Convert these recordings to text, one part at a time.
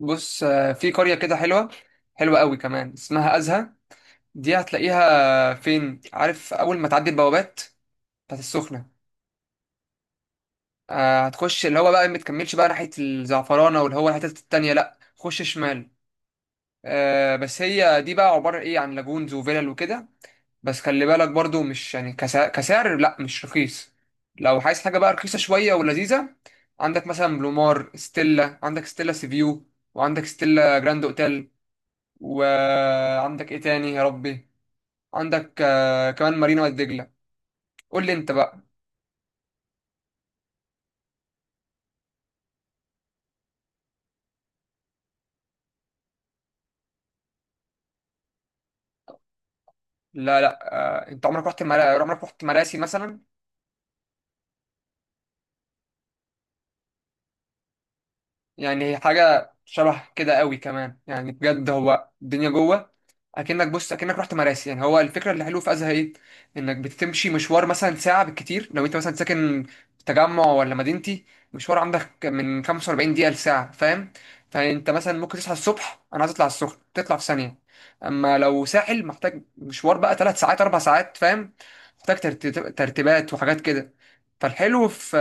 بص، آه، في قرية كده حلوة، حلوة قوي كمان، اسمها أزهى. دي هتلاقيها فين؟ عارف أول ما تعدي البوابات بتاعت السخنة، آه، هتخش اللي هو بقى ما تكملش بقى ناحية الزعفرانة واللي هو الحتت التانية، لأ خش شمال. آه، بس هي دي بقى عبارة إيه عن لاجونز وفيلل وكده. بس خلي بالك برضو، مش يعني كسعر لأ مش رخيص. لو عايز حاجة بقى رخيصة شوية ولذيذة، عندك مثلا بلومار ستيلا، عندك ستيلا سيفيو، وعندك ستيلا جراند اوتيل، وعندك ايه تاني يا ربي؟ عندك كمان مارينا والدجله. قول لي انت بقى. لا لا. آه، انت عمرك رحت عمرك رحت مراسي مثلا؟ يعني هي حاجة شبه كده قوي كمان، يعني بجد هو الدنيا جوه اكنك، بص اكنك رحت مراسي. يعني هو الفكرة اللي حلوه في ازها ايه؟ انك بتمشي مشوار مثلا ساعة بالكتير لو انت مثلا ساكن في تجمع ولا مدينتي. مشوار عندك من 45 دقيقة لساعة، فاهم؟ فانت مثلا ممكن تصحى الصبح، انا عايز اطلع السخنة تطلع في ثانية. اما لو ساحل محتاج مشوار بقى ثلاث ساعات اربع ساعات، فاهم؟ محتاج ترتيبات وحاجات كده. فالحلو في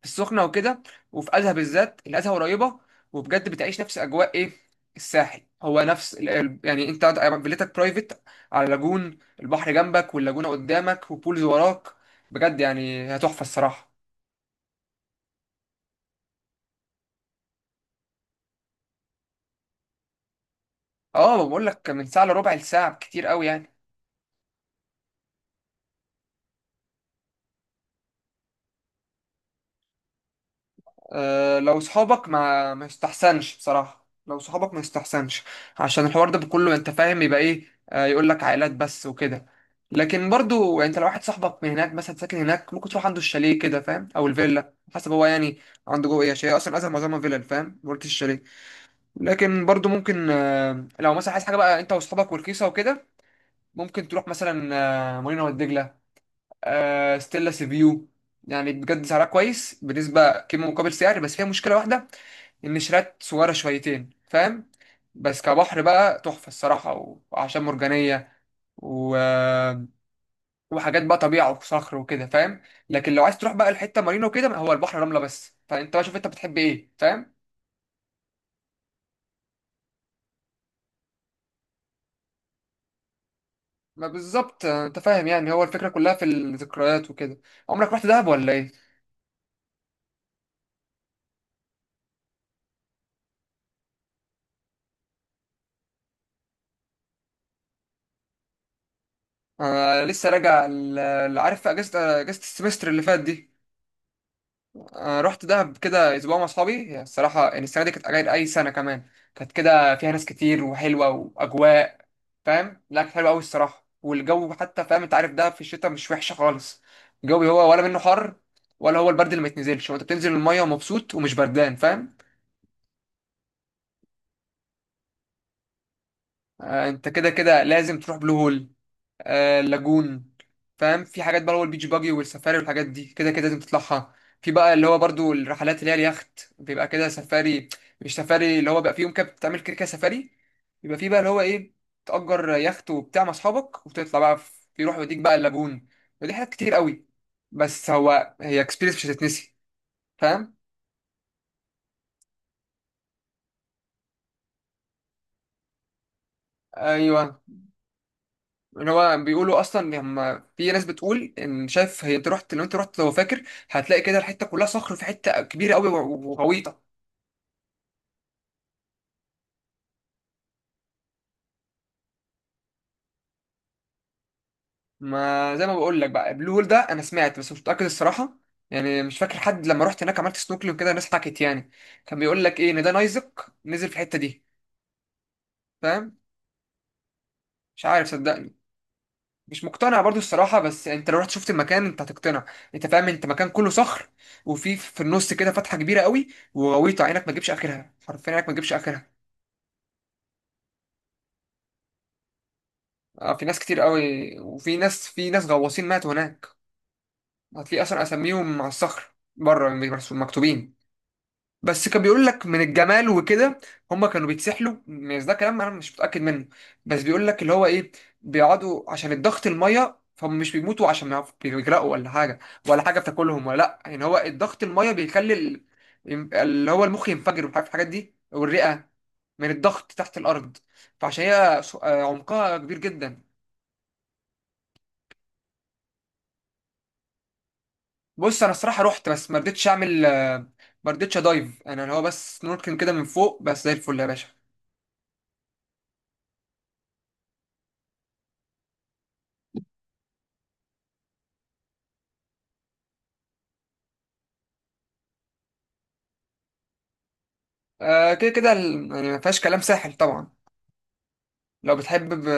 في السخنة وكده، وفي أزهى بالذات، الأزهى قريبة وبجد بتعيش نفس أجواء إيه، الساحل. هو نفس يعني أنت فيلتك برايفت على لاجون، البحر جنبك واللاجونة قدامك وبولز وراك. بجد يعني هي تحفة الصراحة. اه، بقول لك من ساعة لربع الساعة كتير قوي يعني. أه لو صحابك، ما يستحسنش بصراحة، لو صحابك ما يستحسنش عشان الحوار ده كله، انت فاهم يبقى ايه. أه يقول لك عائلات بس وكده. لكن برضو يعني انت لو واحد صاحبك من هناك مثلا ساكن هناك، ممكن تروح عنده الشاليه كده فاهم، او الفيلا حسب هو يعني عنده جوه ايه، شاليه. اصلا اصلا معظمها فيلا فاهم، ما قلتش الشاليه. لكن برضو ممكن، أه، لو مثلا عايز حاجة بقى انت واصحابك والكيسة وكده، ممكن تروح مثلا أه مارينا والدجلة، أه ستيلا سيفيو. يعني بجد سعرها كويس بالنسبة كم مقابل سعر، بس فيها مشكلة واحدة، النشرات صغيرة شويتين، فاهم؟ بس كبحر بقى تحفة الصراحة، وأعشاب مرجانية و... وحاجات بقى طبيعة وصخر وكده، فاهم. لكن لو عايز تروح بقى الحتة مارينا وكده، هو البحر رملة بس، فأنت بقى شوف أنت بتحب إيه فاهم. ما بالظبط أنت فاهم، يعني هو الفكرة كلها في الذكريات وكده. عمرك رحت دهب ولا إيه؟ أنا لسه راجع عارف في أجازة، أجازة السمستر اللي فات دي. آه، رحت دهب كده اسبوع مع اصحابي. هي الصراحه يعني السنه دي كانت غير اي سنه كمان، كانت كده فيها ناس كتير وحلوه واجواء، فاهم. لا كانت حلوه قوي الصراحه، والجو حتى فاهم، انت عارف دهب في الشتاء مش وحشه خالص. الجو هو ولا منه حر ولا هو البرد اللي ما يتنزلش. هو انت بتنزل الميه ومبسوط ومش بردان فاهم. آه، انت كده كده لازم تروح بلو هول، آه اللاجون فاهم. في حاجات بقى اللي هو البيتش باجي والسفاري والحاجات دي كده كده لازم تطلعها. في بقى اللي هو برضو الرحلات، اللي هي اليخت بيبقى كده سفاري، مش سفاري اللي هو بقى في يوم كده بتعمل كده كده سفاري. يبقى في بقى اللي هو ايه، تأجر يخت وبتاع مع اصحابك وتطلع بقى في، يروح يوديك بقى اللاجون. ودي حاجات كتير قوي، بس هو هي اكسبيرينس مش هتتنسي، فاهم. ايوه، ان هو بيقولوا اصلا، هم في ناس بتقول ان شايف هي، انت رحت لو انت رحت لو فاكر، هتلاقي كده الحته كلها صخر، في حته كبيره قوي وغويطه. ما زي ما بقول لك بقى، البلو هول ده انا سمعت بس مش متاكد الصراحه، يعني مش فاكر حد لما رحت هناك عملت سنوكلينج كده، الناس حكت يعني. كان بيقول لك ايه، ان ده نايزك نزل في الحته دي، فاهم. مش عارف صدقني، مش مقتنع برضو الصراحه، بس انت لو رحت شفت المكان انت هتقتنع. انت فاهم، انت مكان كله صخر، وفي في النص كده فتحه كبيره قوي وغويطه، عينك ما تجيبش اخرها، حرفيا عينك ما تجيبش اخرها. اه، في ناس كتير قوي، وفي ناس، في ناس غواصين ماتوا هناك. هتلاقي اصلا اساميهم على الصخر بره مش مكتوبين. بس كان بيقول لك من الجمال وكده هم كانوا بيتسحلوا، بس ده كلام انا مش متاكد منه. بس بيقول لك اللي هو ايه، بيقعدوا عشان الضغط الميه، فهم مش بيموتوا عشان ما بيغرقوا ولا حاجه، ولا حاجه بتاكلهم ولا لا، يعني هو الضغط الميه بيخلي اللي هو المخ ينفجر وحاجات، الحاجات دي والرئه، من الضغط تحت الارض. فعشان هي عمقها كبير جدا. بص انا الصراحه رحت بس ما رضيتش اعمل، ما رضيتش ادايف. انا اللي هو بس سنوركلينج كده من فوق بس، زي الفل يا باشا. آه كده كده يعني ما فيهاش كلام ساحل طبعا. لو بتحب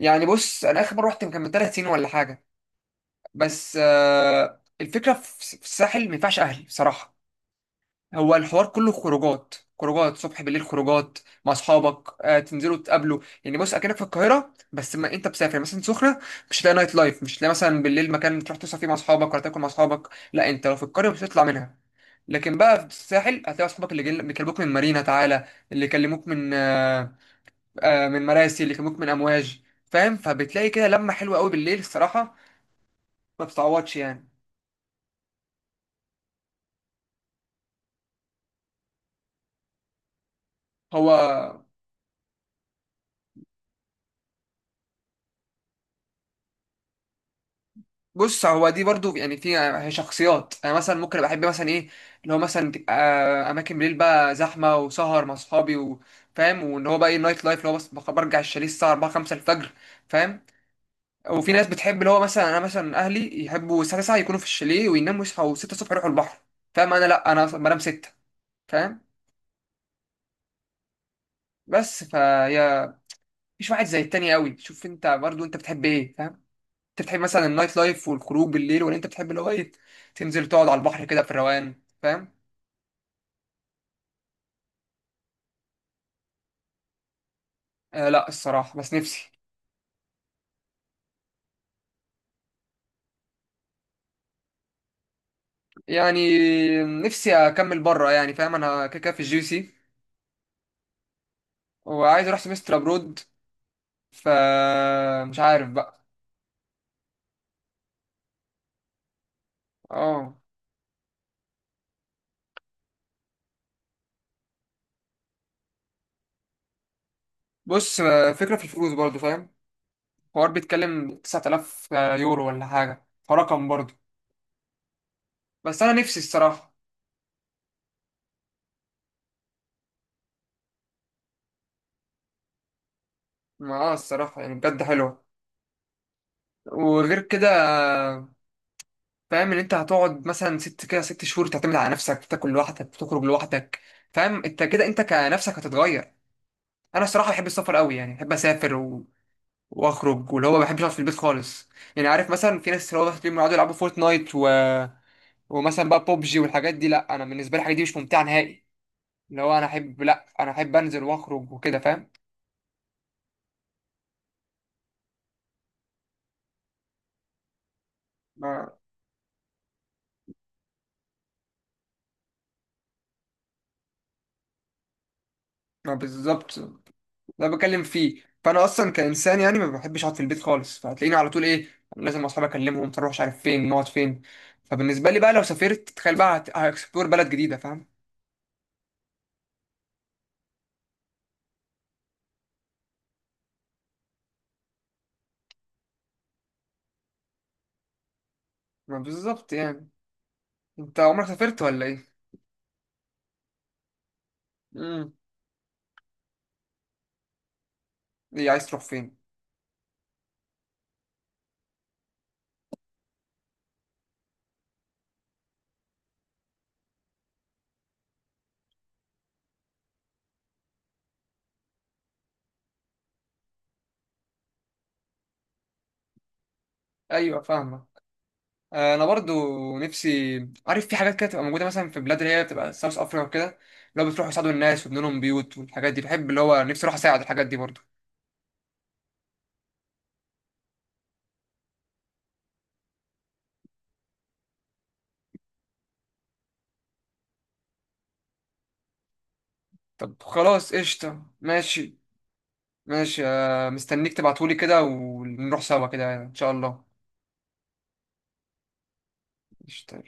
يعني بص انا اخر مره رحت كان من ثلاث سنين ولا حاجه. بس آه الفكره في في الساحل ما ينفعش اهلي بصراحه. هو الحوار كله خروجات، خروجات صبح بالليل خروجات مع اصحابك، آه تنزلوا تقابلوا يعني. بص اكنك في القاهره بس ما انت مسافر مثلا سخنه، مش هتلاقي نايت لايف، مش هتلاقي مثلا بالليل مكان تروح تسهر فيه مع اصحابك ولا تاكل مع اصحابك. لا انت لو في القريه مش هتطلع منها. لكن بقى في الساحل هتلاقي اصحابك اللي بيكلموك من مارينا، تعالى اللي يكلموك من آه، آه من مراسي، اللي يكلموك من امواج، فاهم. فبتلاقي كده لمه حلوه قوي بالليل الصراحه، ما بتتعوضش يعني. هو بص، هو دي برضو يعني في هي شخصيات، انا مثلا ممكن ابقى احب مثلا ايه، اللي هو مثلا تبقى اماكن بالليل بقى زحمه وسهر مع اصحابي وفاهم، وان هو بقى ايه النايت لايف، اللي هو بس برجع الشاليه الساعه 4 5 الفجر فاهم. وفي ناس بتحب اللي هو مثلا، انا مثلا اهلي يحبوا الساعه 9 يكونوا في الشاليه ويناموا، يصحوا 6 الصبح يروحوا البحر فاهم. انا لا، انا أصلاً بنام 6 فاهم. بس فهي مش واحد زي التاني قوي، شوف انت برضو انت بتحب ايه فاهم. انت بتحب مثلا النايت لايف والخروج بالليل، ولا انت بتحب اللي هو ايه، تنزل تقعد على البحر كده في الروقان فاهم. آه لا الصراحة، بس نفسي، يعني نفسي أكمل بره يعني فاهم. أنا كده كده في الجي سي، وعايز أروح سمستر أبرود، ف مش عارف بقى. اه بص، آه، فكرة في الفلوس برضو فاهم. الحوار بيتكلم 9,000 يورو ولا حاجة، فرقم برضو. بس أنا نفسي الصراحة. ما اه الصراحة يعني بجد حلوة، وغير كده آه، فاهم إن أنت هتقعد مثلا ست كده ست شهور تعتمد على نفسك، تاكل لوحدك، تخرج لوحدك فاهم. أنت كده أنت كنفسك هتتغير. انا الصراحه بحب السفر قوي، يعني بحب اسافر واخرج، واللي هو ما بحبش اقعد في البيت خالص. يعني عارف، مثلا في ناس اللي هو بيقعدوا يلعبوا فورتنايت ومثلا بقى بوبجي والحاجات دي. لا انا بالنسبه لي الحاجات دي مش ممتعه نهائي. اللي هو انا احب، لا انا احب انزل واخرج وكده فاهم. ما ما بالظبط، ده بكلم فيه، فانا اصلا كانسان يعني ما بحبش اقعد في البيت خالص، فهتلاقيني على طول ايه، لازم اصحابي اكلمهم، تروح مش عارف فين، نقعد فين. فبالنسبه لي بقى لو سافرت تخيل بقى هاكسبلور بلد جديده فاهم. ما بالظبط يعني. انت عمرك سافرت ولا ايه؟ إيه عايز تروح فين؟ ايوه فاهمه. انا برضو نفسي. عارف في حاجات كده تبقى موجوده مثلا في بلاد اللي هي بتبقى ساوث افريقيا وكده، اللي هو بتروحوا يساعدوا الناس ويبنوا لهم بيوت والحاجات دي، بحب اللي هو نفسي اروح اساعد الحاجات دي برضو. طب خلاص قشطه ماشي. ماشي، آه، مستنيك تبعتولي كده، ونروح سوا كده ان شاء الله. قشطه.